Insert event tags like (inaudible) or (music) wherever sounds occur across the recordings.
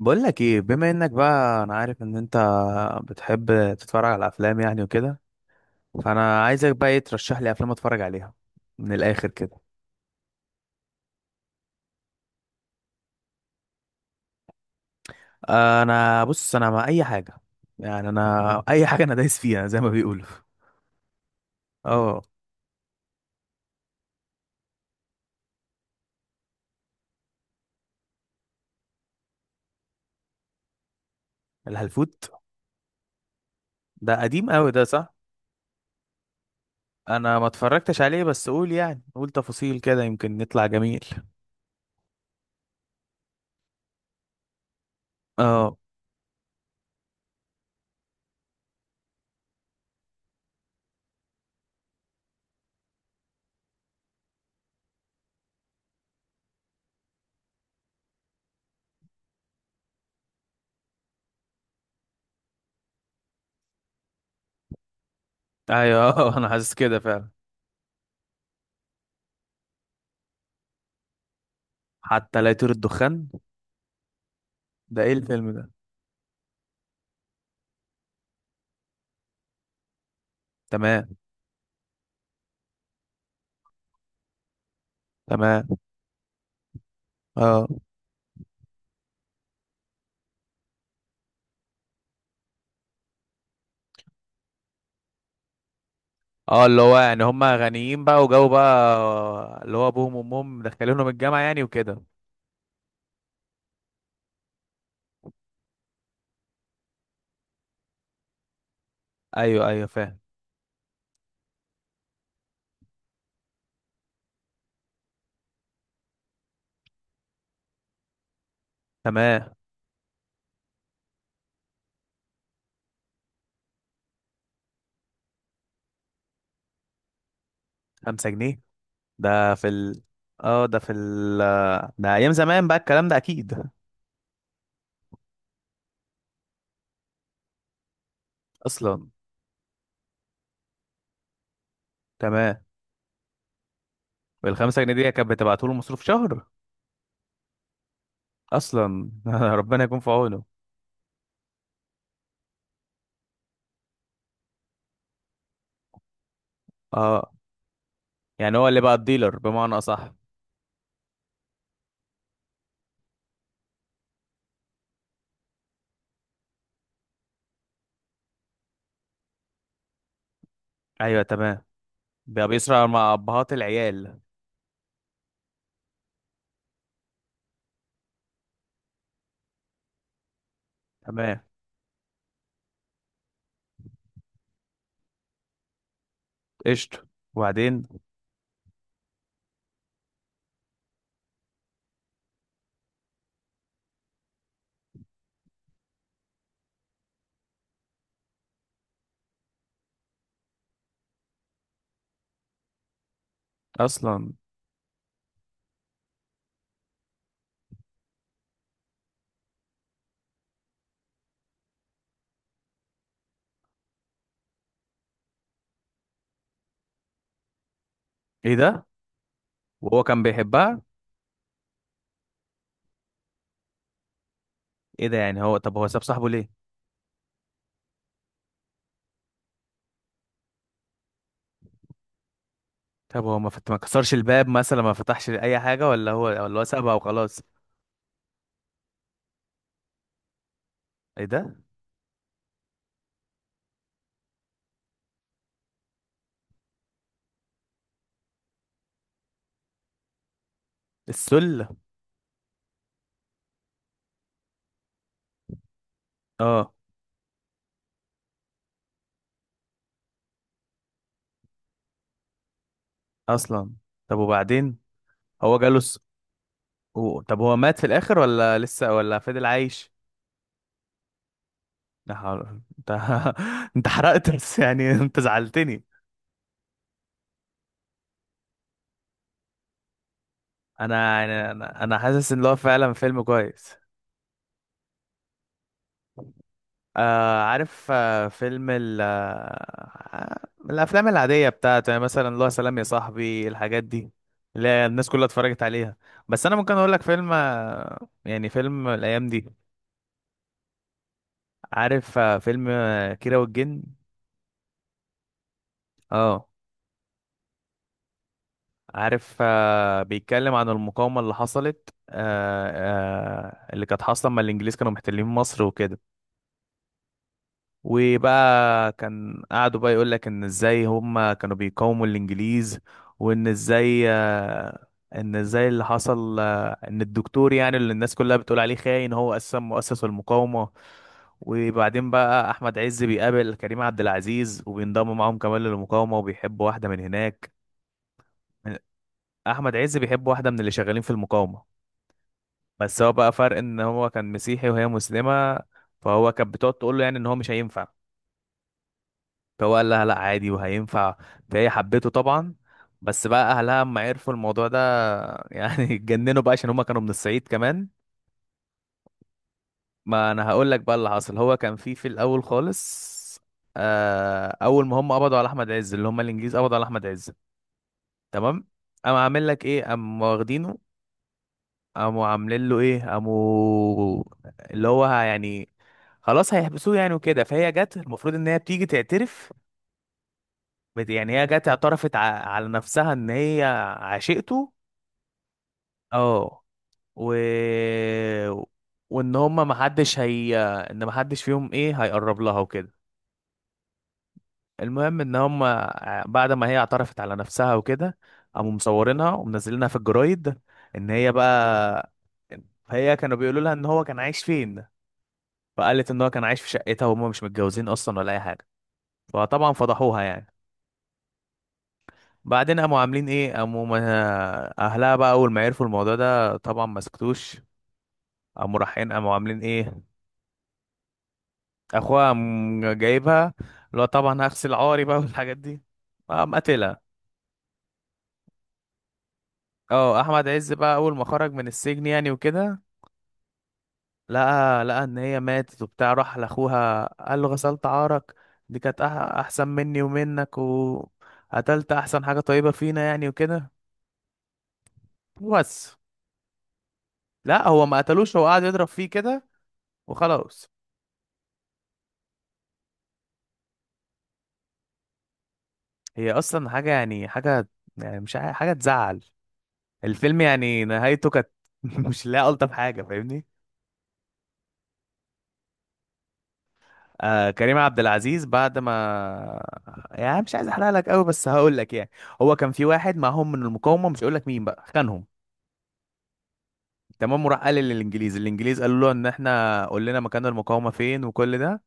بقول لك ايه، بما انك بقى انا عارف ان انت بتحب تتفرج على افلام يعني وكده. فانا عايزك بقى ايه ترشح لي افلام اتفرج عليها من الاخر كده. انا بص، انا مع اي حاجه، يعني انا اي حاجه انا دايس فيها زي ما بيقولوا. اه. الهلفوت؟ ده قديم قوي ده، صح؟ انا ما اتفرجتش عليه، بس قول يعني، قول تفاصيل كده يمكن نطلع جميل. اه. ايوه (laughs) انا حاسس كده فعلا. حتى لا يطير الدخان؟ ده ايه الفيلم ده؟ تمام. تمام. اه. اه اللي هو يعني هم غنيين بقى، وجو بقى اللي هو ابوهم وامهم مدخلينهم الجامعه يعني وكده. ايوه ايوه، فاهم. تمام. 5 جنيه؟ ده في ال... اه ده في ال... ده ايام زمان بقى الكلام ده اكيد. اصلا. تمام. وال5 جنيه دي كانت بتبعته له مصروف شهر؟ اصلا (laughs) ربنا يكون في عونه. اه. يعني هو اللي بقى الديلر بمعنى اصح. ايوه تمام. بقى بيسرع مع ابهات العيال. تمام. قشطه. وبعدين؟ اصلا. ايه ده! وهو كان بيحبها؟ ايه ده! يعني هو، طب هو ساب صاحبه ليه؟ طب هو ما كسرش الباب مثلا، ما فتحش اي حاجه؟ ولا هو سابها وخلاص. ايه ده! السله؟ اه. اصلا. طب وبعدين؟ هو جاله الس... و... طب هو مات في الاخر، ولا لسه، ولا فضل عايش؟ لا حول- انت (laughs) انت حرقت بس يعني (laughs) انت زعلتني. انا حاسس ان هو فعلا فيلم كويس. آه عارف، آه فيلم ال آه الافلام العاديه بتاعته، يعني مثلا الله، سلام يا صاحبي، الحاجات دي اللي هي الناس كلها اتفرجت عليها. بس انا ممكن اقول لك فيلم، آه، يعني فيلم الايام دي. عارف آه فيلم، آه، كيرة والجن. اه عارف، آه بيتكلم عن المقاومه اللي حصلت، آه، آه اللي كانت حاصله لما الانجليز كانوا محتلين مصر وكده. وبقى كان قعدوا بقى يقول لك ان ازاي هم كانوا بيقاوموا الانجليز، وان ازاي، ان ازاي اللي حصل، ان الدكتور يعني اللي الناس كلها بتقول عليه خاين هو اساسا مؤسس المقاومة. وبعدين بقى احمد عز بيقابل كريم عبد العزيز، وبينضم معاهم كمان للمقاومة، وبيحب واحدة من هناك. احمد عز بيحب واحدة من اللي شغالين في المقاومة. بس هو بقى فرق ان هو كان مسيحي وهي مسلمة. فهو كانت بتقعد تقول له يعني ان هو مش هينفع. فهو قال لها لا، عادي وهينفع. فهي حبته طبعا. بس بقى اهلها اما عرفوا الموضوع ده (laughs) يعني اتجننوا بقى، عشان هما كانوا من الصعيد كمان. ما انا هقول لك بقى اللي حصل. هو كان في الاول خالص، آه اول ما هم قبضوا على احمد عز، اللي هم الانجليز قبضوا على احمد عز. تمام. قاموا عامل لك ايه، قاموا واخدينه. قاموا عاملين له ايه، قاموا اللي هو يعني خلاص هيحبسوه يعني وكده. فهي جت المفروض ان هي بتيجي تعترف، يعني هي جت اعترفت على نفسها ان هي عشقته. اه. و... وان هما محدش هي، ان محدش فيهم ايه هيقرب لها وكده. المهم ان هما بعد ما هي اعترفت على نفسها وكده، قاموا مصورينها ومنزلينها في الجرايد ان هي بقى. فهي كانوا بيقولوا لها ان هو كان عايش فين. فقالت ان هو كان عايش في شقتها، وهما مش متجوزين اصلا ولا اي حاجه. فطبعا فضحوها يعني. بعدين قاموا عاملين ايه، قاموا ما- اهلها بقى اول ما عرفوا الموضوع ده طبعا ما سكتوش. قاموا رايحين، قاموا عاملين ايه، اخوها قام جايبها، اللي هو طبعا هغسل عاري بقى (laughs) والحاجات دي، قام قتلها. اه احمد عز بقى اول ما خرج من السجن يعني وكده، لقى ان هي ماتت وبتاع. راح لاخوها قال له غسلت عارك، دي كانت احسن مني ومنك، وقتلت احسن حاجة طيبة فينا يعني وكده. بس. لا هو ما قتلوش، هو قعد يضرب فيه كده وخلاص. هي اصلا حاجه يعني حاجه، يعني مش عا- حاجه تزعل. الفيلم يعني نهايته كانت (laughs) مش لا الطف حاجه، فاهمني. آه كريم عبد العزيز بعد ما، يعني مش عايز احرق لك قوي بس هقول لك يعني. هو كان في واحد معاهم من المقاومه، مش هقول لك مين بقى، خانهم. تمام. وراح قال للانجليز، الانجليز قالوا له ان احنا قلنا مكان المقاومه فين وكل ده،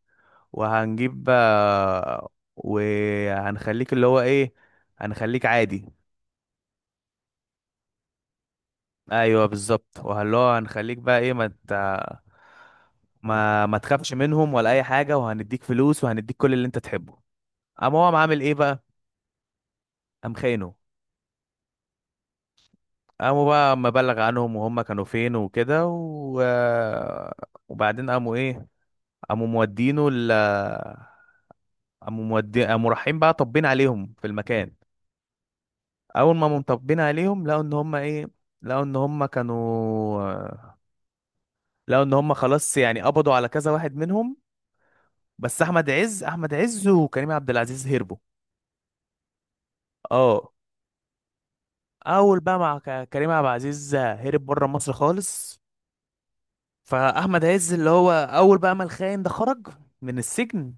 وهنجيب، وهنخليك اللي هو ايه، هنخليك عادي. ايوه بالظبط. وهل هو، هنخليك بقى ايه ما انت، ما تخافش منهم ولا اي حاجه، وهنديك فلوس وهنديك كل اللي انت تحبه. قام هو قام عامل ايه بقى، قام خاينه. قاموا بقى مبلغ عنهم وهم كانوا فين وكده، و... وبعدين قاموا ايه، قاموا مودينه ال... قاموا مودي، قاموا رايحين بقى طبين عليهم في المكان. اول ما هم طبين عليهم لقوا ان هم ايه، لقوا ان هم كانوا، لقوا ان هم خلاص يعني قبضوا على كذا واحد منهم. بس احمد عز وكريم عبد العزيز هربوا. اه. اول بقى مع كريم عبد العزيز هرب بره مصر خالص. فاحمد عز اللي هو اول بقى ما الخاين ده خرج من السجن،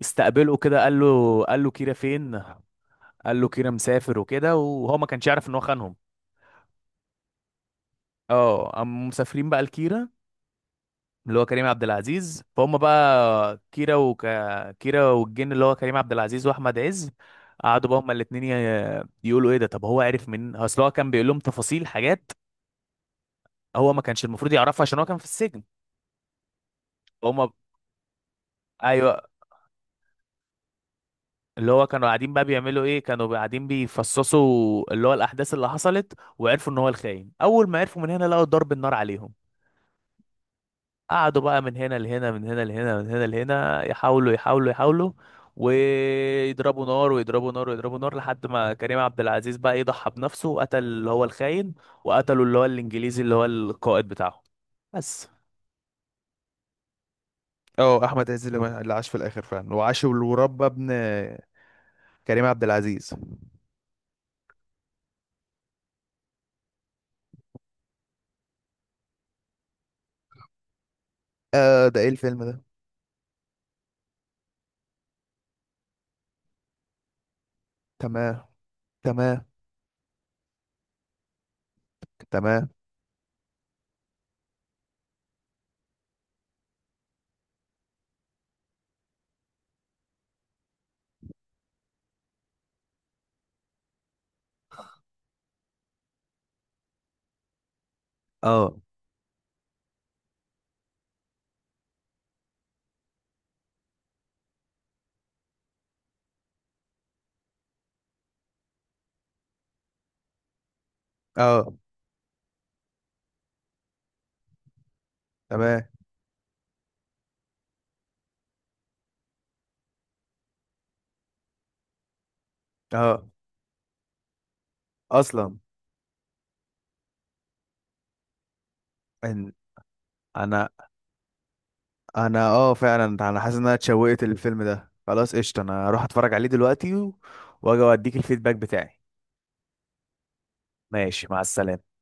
استقبله كده، قال له، قال له كيرة فين. قال له كيرة مسافر وكده، وهو ما كانش يعرف ان هو خانهم. اه. قاموا مسافرين بقى لكيرة، اللي هو كريم عبد العزيز. فهم بقى كيرة كيرة والجن، اللي هو كريم عبد العزيز واحمد عز. قعدوا بقى هما الاتنين يقولوا ايه ده، طب هو عرف من اصل، هو كان بيقول لهم تفاصيل حاجات هو ما كانش المفروض يعرفها عشان هو كان في السجن. هما. ايوه. اللي هو كانوا قاعدين بقى بيعملوا ايه، كانوا قاعدين بيفصصوا اللي هو الاحداث اللي حصلت، وعرفوا ان هو الخاين. اول ما عرفوا من هنا لقوا ضرب النار عليهم. قعدوا بقى من هنا لهنا، من هنا لهنا، من هنا لهنا، يحاولوا يحاولوا يحاولوا، ويضربوا نار ويضربوا نار ويضربوا نار، لحد ما كريم عبد العزيز بقى يضحى بنفسه، وقتل اللي هو الخاين، وقتلوا اللي هو الانجليزي اللي هو القائد بتاعه. بس. اه احمد عز اللي عاش في الاخر فعلا، وعاش وربى ابن كريم عبد العزيز. اه. ده ايه الفيلم ده؟ تمام. تمام. تمام. اه. اه. تمام. اه. اصلا. إن- انا، انا اه فعلا انا حاسس ان انا اتشوقت للفيلم ده، خلاص قشطة، انا هروح اتفرج عليه دلوقتي و... واجي اديك الفيدباك بتاعي. ماشي، مع السلامة.